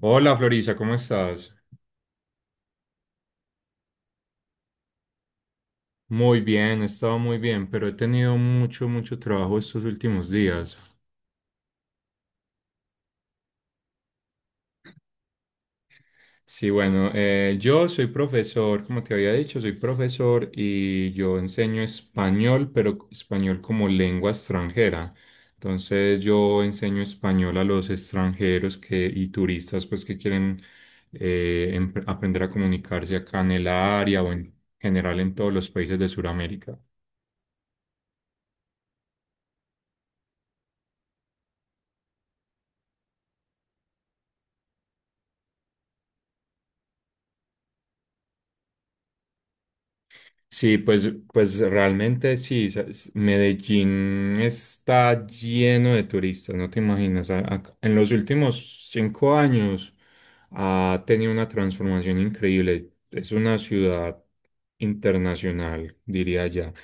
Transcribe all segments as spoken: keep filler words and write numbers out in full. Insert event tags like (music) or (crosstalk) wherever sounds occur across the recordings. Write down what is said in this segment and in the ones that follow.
Hola Florisa, ¿cómo estás? Muy bien, he estado muy bien, pero he tenido mucho, mucho trabajo estos últimos días. Sí, bueno, eh, yo soy profesor, como te había dicho, soy profesor y yo enseño español, pero español como lengua extranjera. Entonces yo enseño español a los extranjeros que, y turistas pues que quieren eh, em- aprender a comunicarse acá en el área o en general en todos los países de Sudamérica. Sí, pues, pues realmente sí, sa- s- Medellín está lleno de turistas, no te imaginas. A- a- En los últimos cinco años ha tenido una transformación increíble. Es una ciudad internacional, diría ya.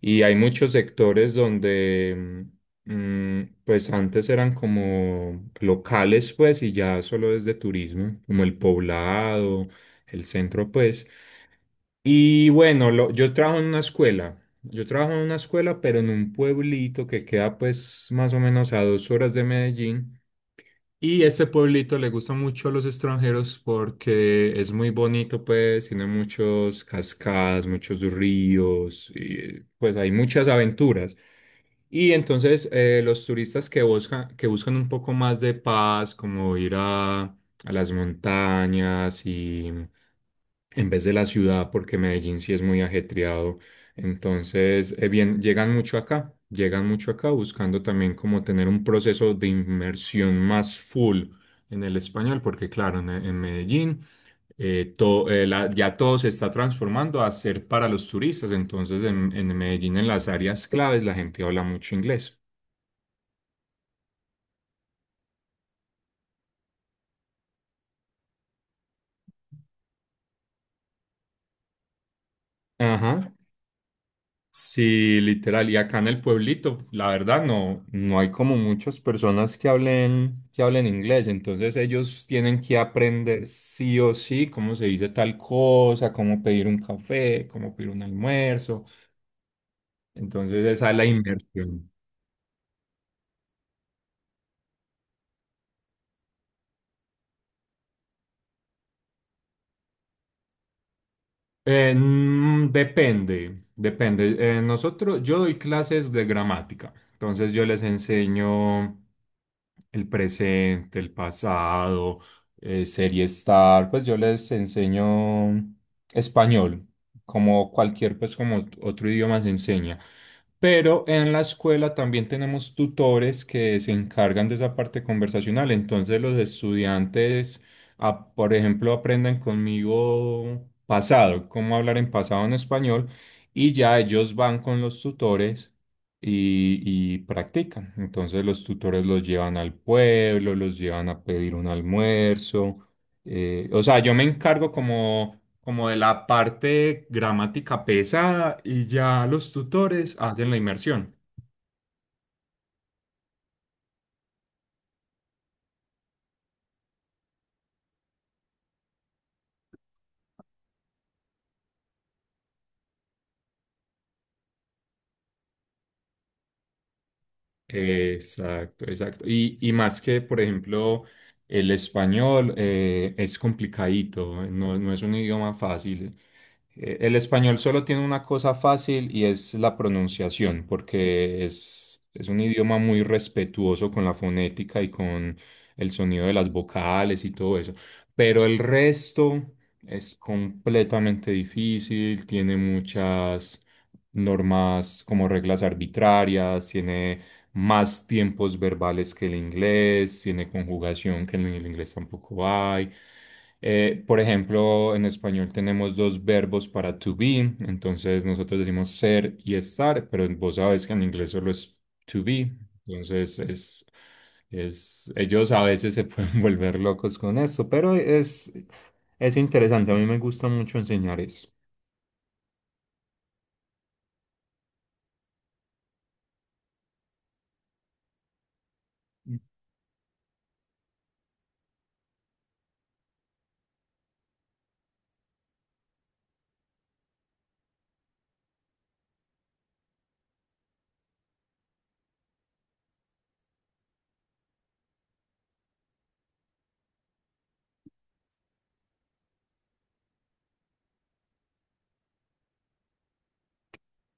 Y hay muchos sectores donde, mm, mm, pues antes eran como locales, pues, y ya solo es de turismo, como el Poblado, el centro, pues. Y bueno, lo- yo trabajo en una escuela. Yo trabajo en una escuela, pero en un pueblito que queda pues más o menos a dos horas de Medellín. Y ese pueblito le gusta mucho a los extranjeros porque es muy bonito, pues tiene muchos cascadas, muchos ríos, y pues hay muchas aventuras. Y entonces eh, los turistas que buscan, que buscan un poco más de paz, como ir a, a las montañas y en vez de la ciudad, porque Medellín sí es muy ajetreado. Entonces, eh, bien, llegan mucho acá, llegan mucho acá buscando también como tener un proceso de inmersión más full en el español, porque claro, en, en Medellín eh, to- eh, la- ya todo se está transformando a ser para los turistas. Entonces, en, en Medellín, en las áreas claves, la gente habla mucho inglés. Ajá, sí, literal. Y acá en el pueblito, la verdad, no, no hay como muchas personas que hablen, que hablen inglés. Entonces ellos tienen que aprender sí o sí cómo se dice tal cosa, cómo pedir un café, cómo pedir un almuerzo. Entonces esa es la inversión. Eh, mm, depende, depende. Eh, nosotros, yo doy clases de gramática, entonces yo les enseño el presente, el pasado, eh, ser y estar, pues yo les enseño español, como cualquier, pues como ot- otro idioma se enseña. Pero en la escuela también tenemos tutores que se encargan de esa parte conversacional, entonces los estudiantes a- por ejemplo, aprendan conmigo pasado, cómo hablar en pasado en español, y ya ellos van con los tutores y, y practican. Entonces los tutores los llevan al pueblo, los llevan a pedir un almuerzo. Eh, o sea, yo me encargo como, como de la parte gramática pesada y ya los tutores hacen la inmersión. Exacto, exacto. Y, y más que, por ejemplo, el español eh, es complicadito, no, no es un idioma fácil. Eh, El español solo tiene una cosa fácil y es la pronunciación, porque es, es un idioma muy respetuoso con la fonética y con el sonido de las vocales y todo eso. Pero el resto es completamente difícil, tiene muchas normas como reglas arbitrarias, tiene más tiempos verbales que el inglés, tiene conjugación que en el inglés tampoco hay. Eh, por ejemplo, en español tenemos dos verbos para to be, entonces nosotros decimos ser y estar, pero vos sabes que en inglés solo es to be, entonces es, es, ellos a veces se pueden (laughs) volver locos con esto, pero es, es interesante, a mí me gusta mucho enseñar eso.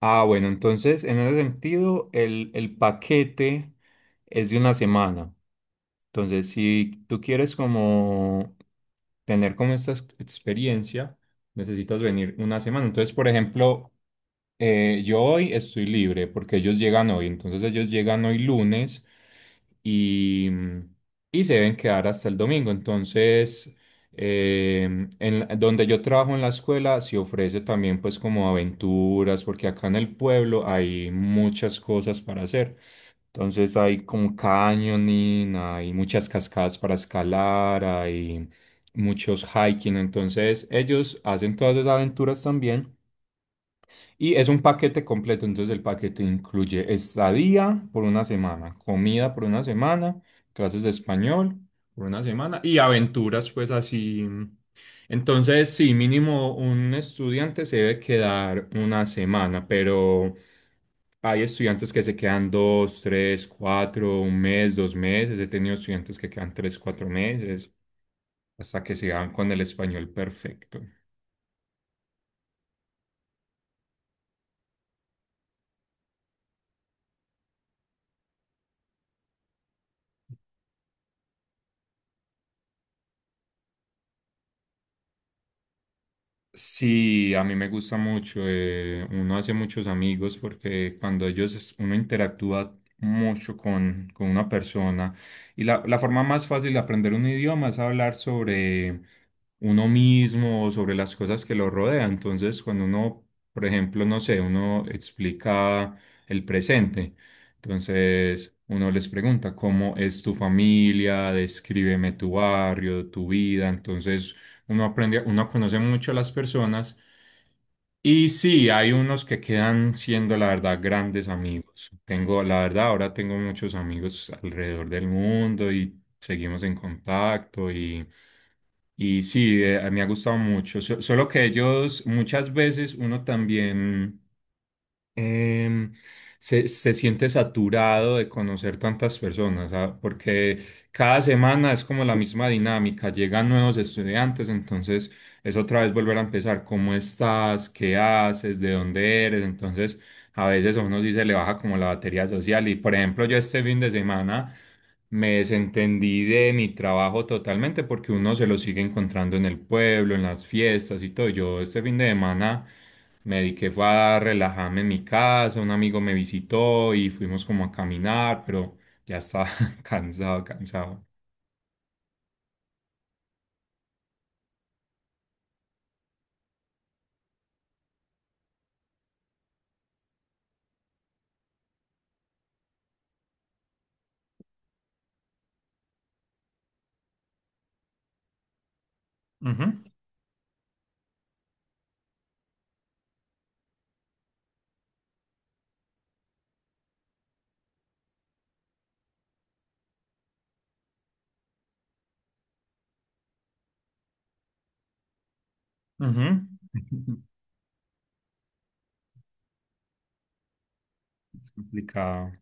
Ah, bueno, entonces en ese sentido, el, el paquete es de una semana. Entonces, si tú quieres como tener como esta ex- experiencia, necesitas venir una semana. Entonces, por ejemplo, eh, yo hoy estoy libre porque ellos llegan hoy. Entonces, ellos llegan hoy lunes y, mm, y se deben quedar hasta el domingo. Entonces, eh, en, la- donde yo trabajo en la escuela, se ofrece también pues como aventuras, porque acá en el pueblo hay muchas cosas para hacer. Entonces hay como canyoning, hay muchas cascadas para escalar, hay muchos hiking. Entonces ellos hacen todas esas aventuras también. Y es un paquete completo, entonces el paquete incluye estadía por una semana, comida por una semana, clases de español por una semana y aventuras, pues así. Entonces, sí, mínimo un estudiante se debe quedar una semana, pero hay estudiantes que se quedan dos, tres, cuatro, un mes, dos meses. He tenido estudiantes que quedan tres, cuatro meses hasta que se dan con el español perfecto. Sí, a mí me gusta mucho. Eh, uno hace muchos amigos porque cuando ellos, es- uno interactúa mucho con, con una persona. Y la, la forma más fácil de aprender un idioma es hablar sobre uno mismo o sobre las cosas que lo rodean. Entonces, cuando uno, por ejemplo, no sé, uno explica el presente. Entonces, uno les pregunta, ¿cómo es tu familia? Descríbeme tu barrio, tu vida. Entonces, uno aprende, uno conoce mucho a las personas y sí, hay unos que quedan siendo, la verdad, grandes amigos. Tengo, la verdad, ahora tengo muchos amigos alrededor del mundo y seguimos en contacto y, y sí, eh, me ha gustado mucho. So- solo que ellos muchas veces uno también em, se, se siente saturado de conocer tantas personas, ah, porque cada semana es como la misma dinámica, llegan nuevos estudiantes, entonces es otra vez volver a empezar. ¿Cómo estás? ¿Qué haces? ¿De dónde eres? Entonces a veces a uno sí se le baja como la batería social, y por ejemplo yo este fin de semana me desentendí de mi trabajo totalmente porque uno se lo sigue encontrando en el pueblo, en las fiestas y todo. Yo este fin de semana me dediqué fue a relajarme en mi casa, un amigo me visitó y fuimos como a caminar, pero ya estaba (laughs) cansado, cansado. Ujú, ujú. (laughs) Es complicado.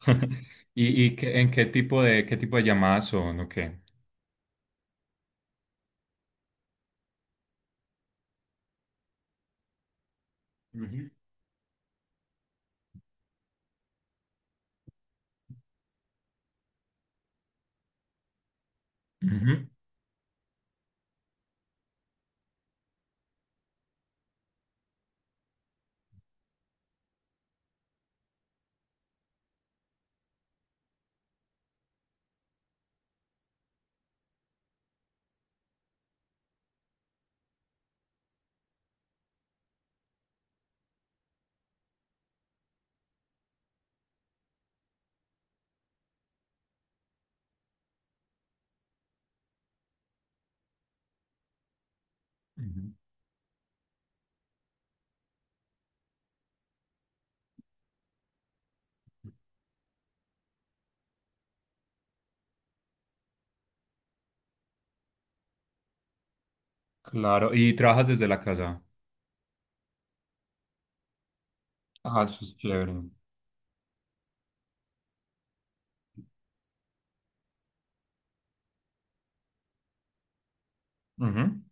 (laughs) ¿Y, y qué- en qué tipo de qué tipo de llamadas son o qué? Ujú. Ujú. Claro, ¿y trabajas desde la casa? Ah, eso es chévere. Ujú.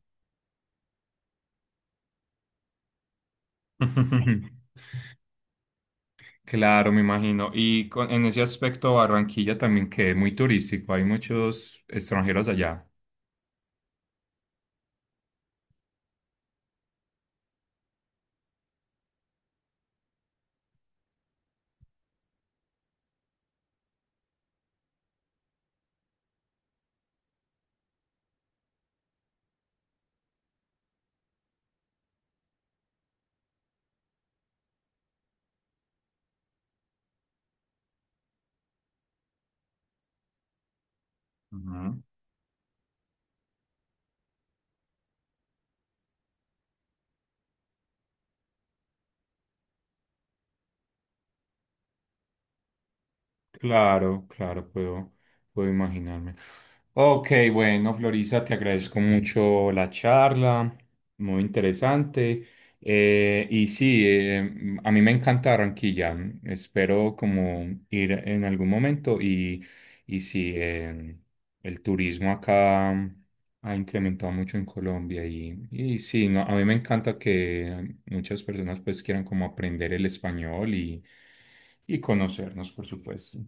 (laughs) Claro, me imagino. Y con- en ese aspecto, Barranquilla también que muy turístico, hay muchos extranjeros allá. Ujú. Claro, claro, puedo, puedo imaginarme. Ok, bueno, Florisa, te agradezco mucho la charla, muy interesante. Eh, y sí, eh, a mí me encanta Barranquilla. Espero como ir en algún momento y, y sí, eh, el turismo acá ha incrementado mucho en Colombia y, y sí, no, a mí me encanta que muchas personas pues quieran como aprender el español y, y conocernos, por supuesto.